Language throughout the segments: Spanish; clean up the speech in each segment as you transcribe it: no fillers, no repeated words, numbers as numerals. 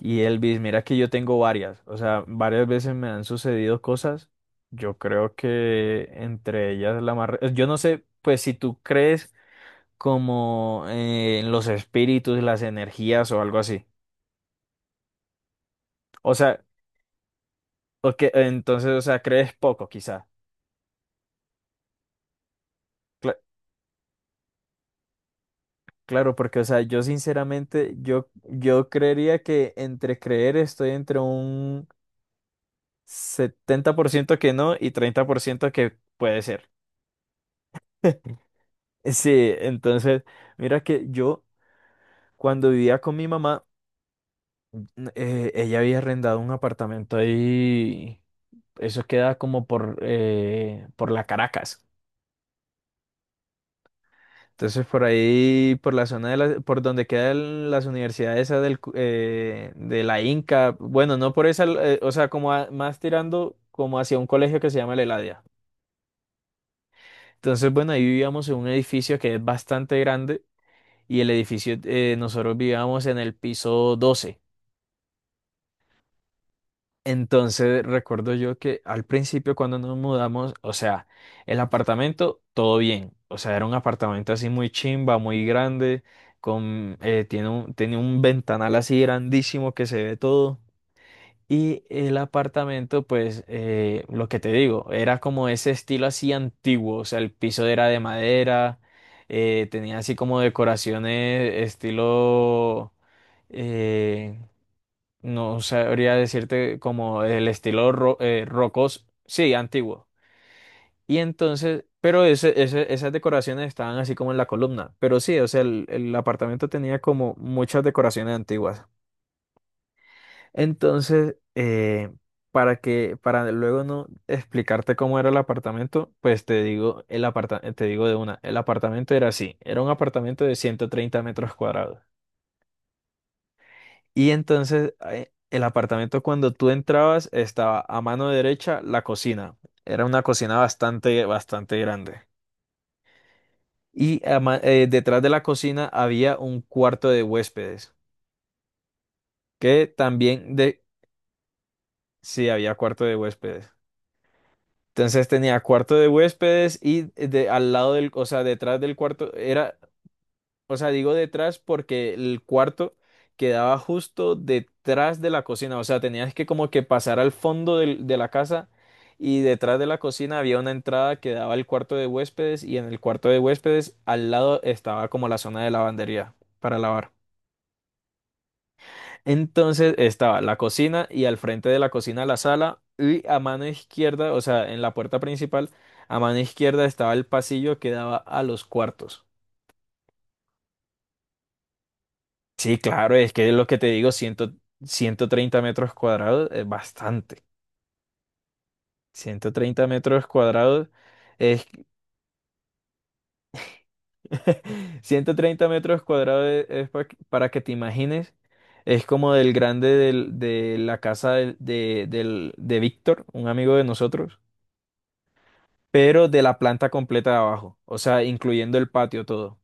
Y Elvis, mira que yo tengo varias, o sea, varias veces me han sucedido cosas. Yo creo que entre ellas la más, yo no sé, pues si tú crees como en los espíritus, las energías o algo así. O sea, entonces, o sea, crees poco quizá. Cla- claro, porque, o sea, yo sinceramente, yo creería que entre creer estoy entre un 70% que no y 30% que puede ser. Sí, entonces, mira que yo cuando vivía con mi mamá, ella había arrendado un apartamento ahí, eso queda como por la Caracas. Entonces, por ahí, por la zona de por donde quedan las universidades esas de la Inca, bueno, no por esa, o sea, más tirando como hacia un colegio que se llama La Eladia. Entonces, bueno, ahí vivíamos en un edificio que es bastante grande y el edificio, nosotros vivíamos en el piso 12. Entonces recuerdo yo que al principio cuando nos mudamos, o sea, el apartamento, todo bien. O sea, era un apartamento así muy chimba, muy grande, tiene un ventanal así grandísimo que se ve todo. Y el apartamento, pues, lo que te digo, era como ese estilo así antiguo. O sea, el piso era de madera, tenía así como decoraciones estilo... eh, no sabría decirte como el estilo rocos, sí, antiguo. Y entonces, pero esas decoraciones estaban así como en la columna. Pero sí, o sea, el apartamento tenía como muchas decoraciones antiguas. Entonces, para que, para luego no explicarte cómo era el apartamento, pues te digo, te digo de una, el apartamento era así, era un apartamento de 130 metros cuadrados. Y entonces el apartamento cuando tú entrabas estaba a mano derecha la cocina. Era una cocina bastante, bastante grande. Detrás de la cocina había un cuarto de huéspedes, que también. Sí, había cuarto de huéspedes. Entonces tenía cuarto de huéspedes y al lado del, o sea, detrás del cuarto era. O sea, digo detrás porque el cuarto quedaba justo detrás de la cocina. O sea, tenías que como que pasar al fondo de la casa y detrás de la cocina había una entrada que daba al cuarto de huéspedes y en el cuarto de huéspedes al lado estaba como la zona de lavandería para lavar. Entonces estaba la cocina y al frente de la cocina la sala y a mano izquierda, o sea, en la puerta principal, a mano izquierda estaba el pasillo que daba a los cuartos. Sí, claro, es que lo que te digo, 130 metros cuadrados es bastante. 130 metros cuadrados es. 130 metros cuadrados para que te imagines, es como del grande de la casa de Víctor, un amigo de nosotros, pero de la planta completa de abajo, o sea, incluyendo el patio todo.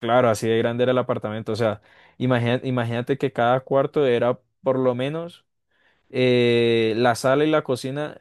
Claro, así de grande era el apartamento, o sea, imagínate que cada cuarto era por lo menos. La sala y la cocina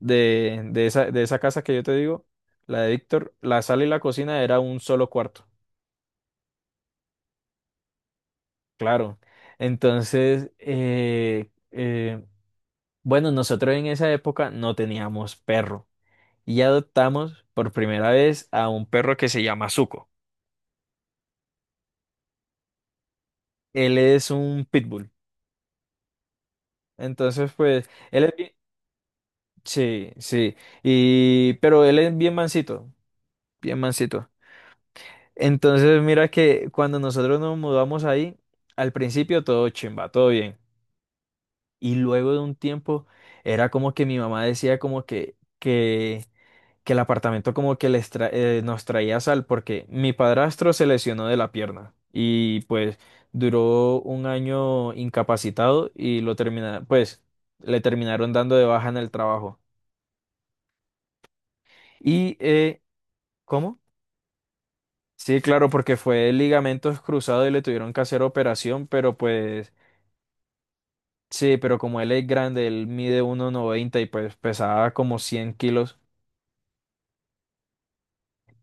de esa casa que yo te digo, la de Víctor, la sala y la cocina era un solo cuarto, claro. Entonces, bueno, nosotros en esa época no teníamos perro y adoptamos por primera vez a un perro que se llama Zuko. Él es un pitbull. Entonces, pues, él es bien, sí, sí, pero él es bien mansito, bien mansito. Entonces, mira que cuando nosotros nos mudamos ahí, al principio todo chimba, todo bien. Y luego de un tiempo era como que mi mamá decía como que el apartamento como que nos traía sal porque mi padrastro se lesionó de la pierna y pues duró un año incapacitado y lo termina, pues le terminaron dando de baja en el trabajo. Y, ¿cómo? Sí, claro, porque fue ligamentos cruzados y le tuvieron que hacer operación, pero pues. Sí, pero como él es grande, él mide 1,90 y pues pesaba como 100 kilos.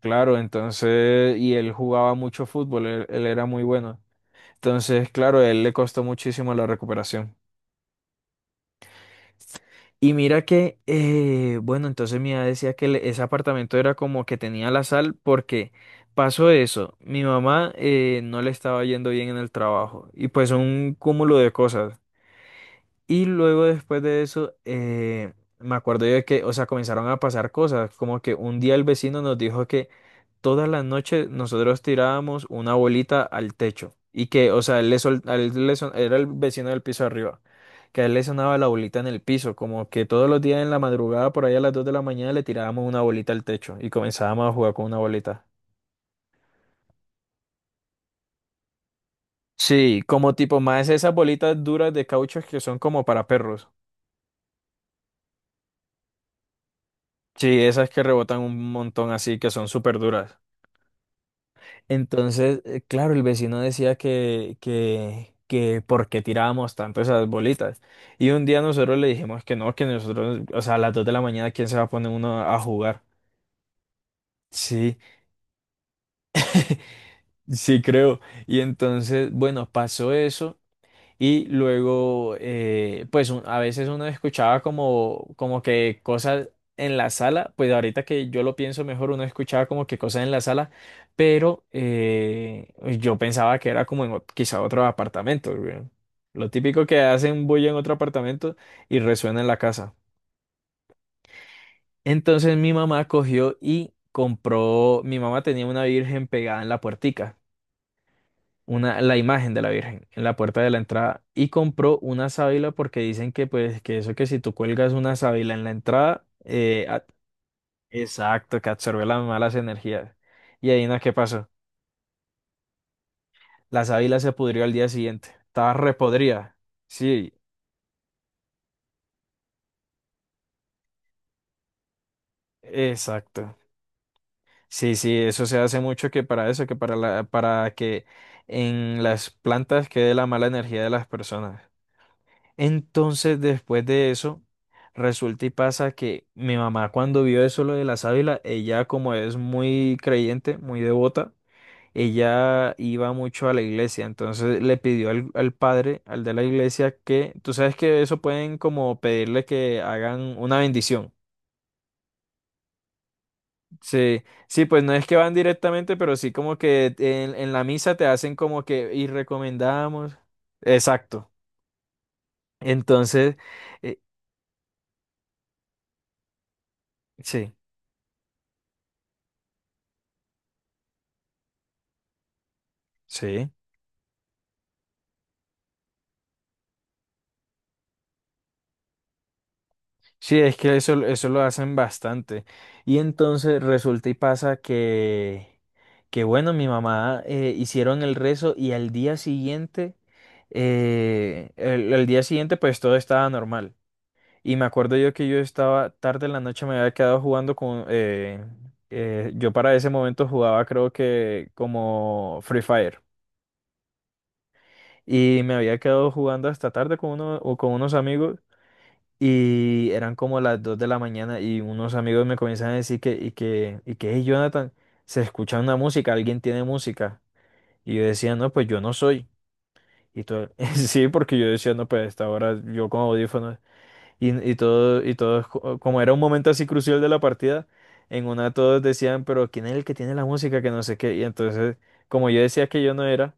Claro, entonces, y él jugaba mucho fútbol, él era muy bueno. Entonces, claro, a él le costó muchísimo la recuperación. Y mira que, bueno, entonces mi mamá decía ese apartamento era como que tenía la sal porque pasó eso. Mi mamá no le estaba yendo bien en el trabajo y pues un cúmulo de cosas. Y luego después de eso, me acuerdo yo de que, o sea, comenzaron a pasar cosas, como que un día el vecino nos dijo que todas las noches nosotros tirábamos una bolita al techo y que, o sea, él le sol- a él le son- era el vecino del piso arriba, que a él le sonaba la bolita en el piso, como que todos los días en la madrugada, por ahí a las 2 de la mañana, le tirábamos una bolita al techo y comenzábamos a jugar con una bolita. Sí, como tipo más esas bolitas duras de caucho que son como para perros. Sí, esas que rebotan un montón así, que son súper duras. Entonces, claro, el vecino decía que por qué tirábamos tanto esas bolitas. Y un día nosotros le dijimos que no, que nosotros, o sea, a las 2 de la mañana, ¿quién se va a poner uno a jugar? Sí, sí creo. Y entonces, bueno, pasó eso. Y luego, pues a veces uno escuchaba como que cosas en la sala, pues ahorita que yo lo pienso mejor, uno escuchaba como que cosas en la sala, pero pues, yo pensaba que era como quizá otro apartamento, güey. Lo típico que hacen bulla en otro apartamento y resuena en la casa. Entonces mi mamá cogió y compró, mi mamá tenía una virgen pegada en la puertica. La imagen de la Virgen en la puerta de la entrada y compró una sábila porque dicen que pues que eso que si tú cuelgas una sábila en la entrada, exacto, que absorbe las malas energías. Y ahí no, ¿qué pasó? La sábila se pudrió al día siguiente, estaba repodrida. Sí, exacto. Sí, sí, eso se hace mucho que para eso, para que en las plantas quede la mala energía de las personas. Entonces, después de eso, resulta y pasa que mi mamá cuando vio eso lo de la sábila, ella como es muy creyente, muy devota, ella iba mucho a la iglesia, entonces le pidió al padre, al de la iglesia, que, tú sabes que eso pueden como pedirle que hagan una bendición. Sí, sí, pues no es que van directamente, pero sí como que en, la misa te hacen como que y recomendamos. Exacto. Entonces, eh, sí, sí. Sí, es que eso lo hacen bastante. Y entonces resulta y pasa que bueno, mi mamá hicieron el rezo y al día siguiente, el día siguiente pues todo estaba normal. Y me acuerdo yo que yo estaba tarde en la noche, me había quedado jugando yo para ese momento jugaba creo que como Free Fire. Y me había quedado jugando hasta tarde con uno, o con unos amigos. Y eran como las 2 de la mañana y unos amigos me comienzan a decir que, "Hey, Jonathan, se escucha una música, alguien tiene música". Y yo decía, no, pues yo no soy. Y todo, sí, porque yo decía, no, pues a esta hora yo con audífonos. Y todo, y todos, como era un momento así crucial de la partida, en una todos decían, pero ¿quién es el que tiene la música? Que no sé qué. Y entonces, como yo decía que yo no era,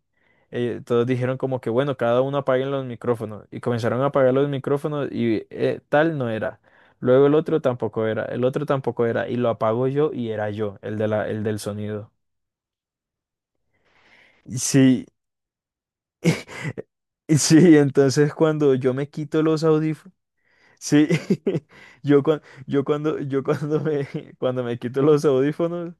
todos dijeron como que, bueno, cada uno apaguen los micrófonos. Y comenzaron a apagar los micrófonos y tal no era. Luego el otro tampoco era, el otro tampoco era. Y lo apago yo y era yo, el del sonido. Sí, sí, entonces cuando yo me quito los audífonos. Sí, yo, cuan- yo cuando me, cuando me quito los audífonos,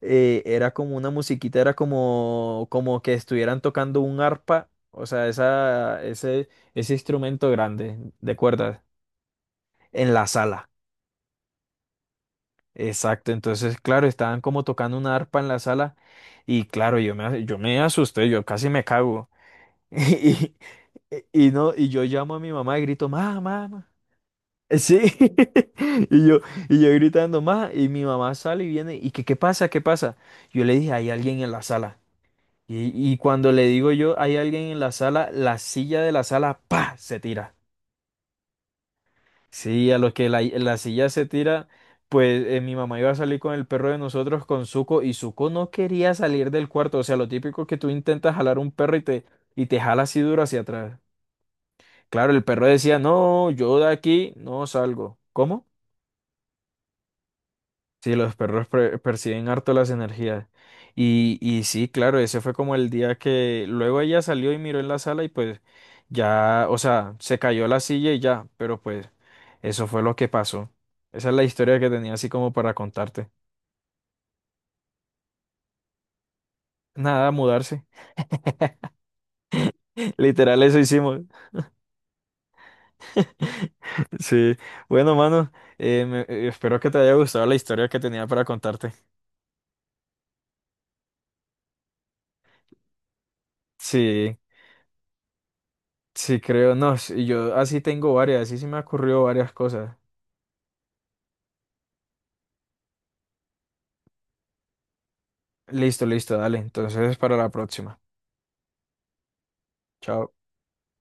era como una musiquita, era como que estuvieran tocando un arpa, o sea, ese instrumento grande de cuerdas en la sala. Exacto, entonces, claro, estaban como tocando una arpa en la sala y claro, yo me, asusté, yo casi me cago. Y, y no, y yo llamo a mi mamá y grito, mamá, mamá. Sí, y yo, y yo gritando más, y mi mamá sale y viene, y que, ¿qué pasa? ¿Qué pasa? Yo le dije, hay alguien en la sala. Y cuando le digo yo, hay alguien en la sala, la silla de la sala, ¡pa! Se tira. Sí, a lo que la silla se tira, pues mi mamá iba a salir con el perro de nosotros, con Zuko, y Zuko no quería salir del cuarto. O sea, lo típico que tú intentas jalar un perro y te jala así duro hacia atrás. Claro, el perro decía, no, yo de aquí no salgo. ¿Cómo? Sí, los perros perciben harto las energías. Y sí, claro, ese fue como el día que luego ella salió y miró en la sala y pues ya, o sea, se cayó la silla y ya, pero pues eso fue lo que pasó. Esa es la historia que tenía así como para contarte. Nada, mudarse. Literal, eso hicimos. Sí. Bueno, mano, espero que te haya gustado la historia que tenía para contarte. Sí, sí, creo, no, sí, yo así tengo varias, así se me ocurrió varias cosas. Listo, listo, dale. Entonces, para la próxima. Chao.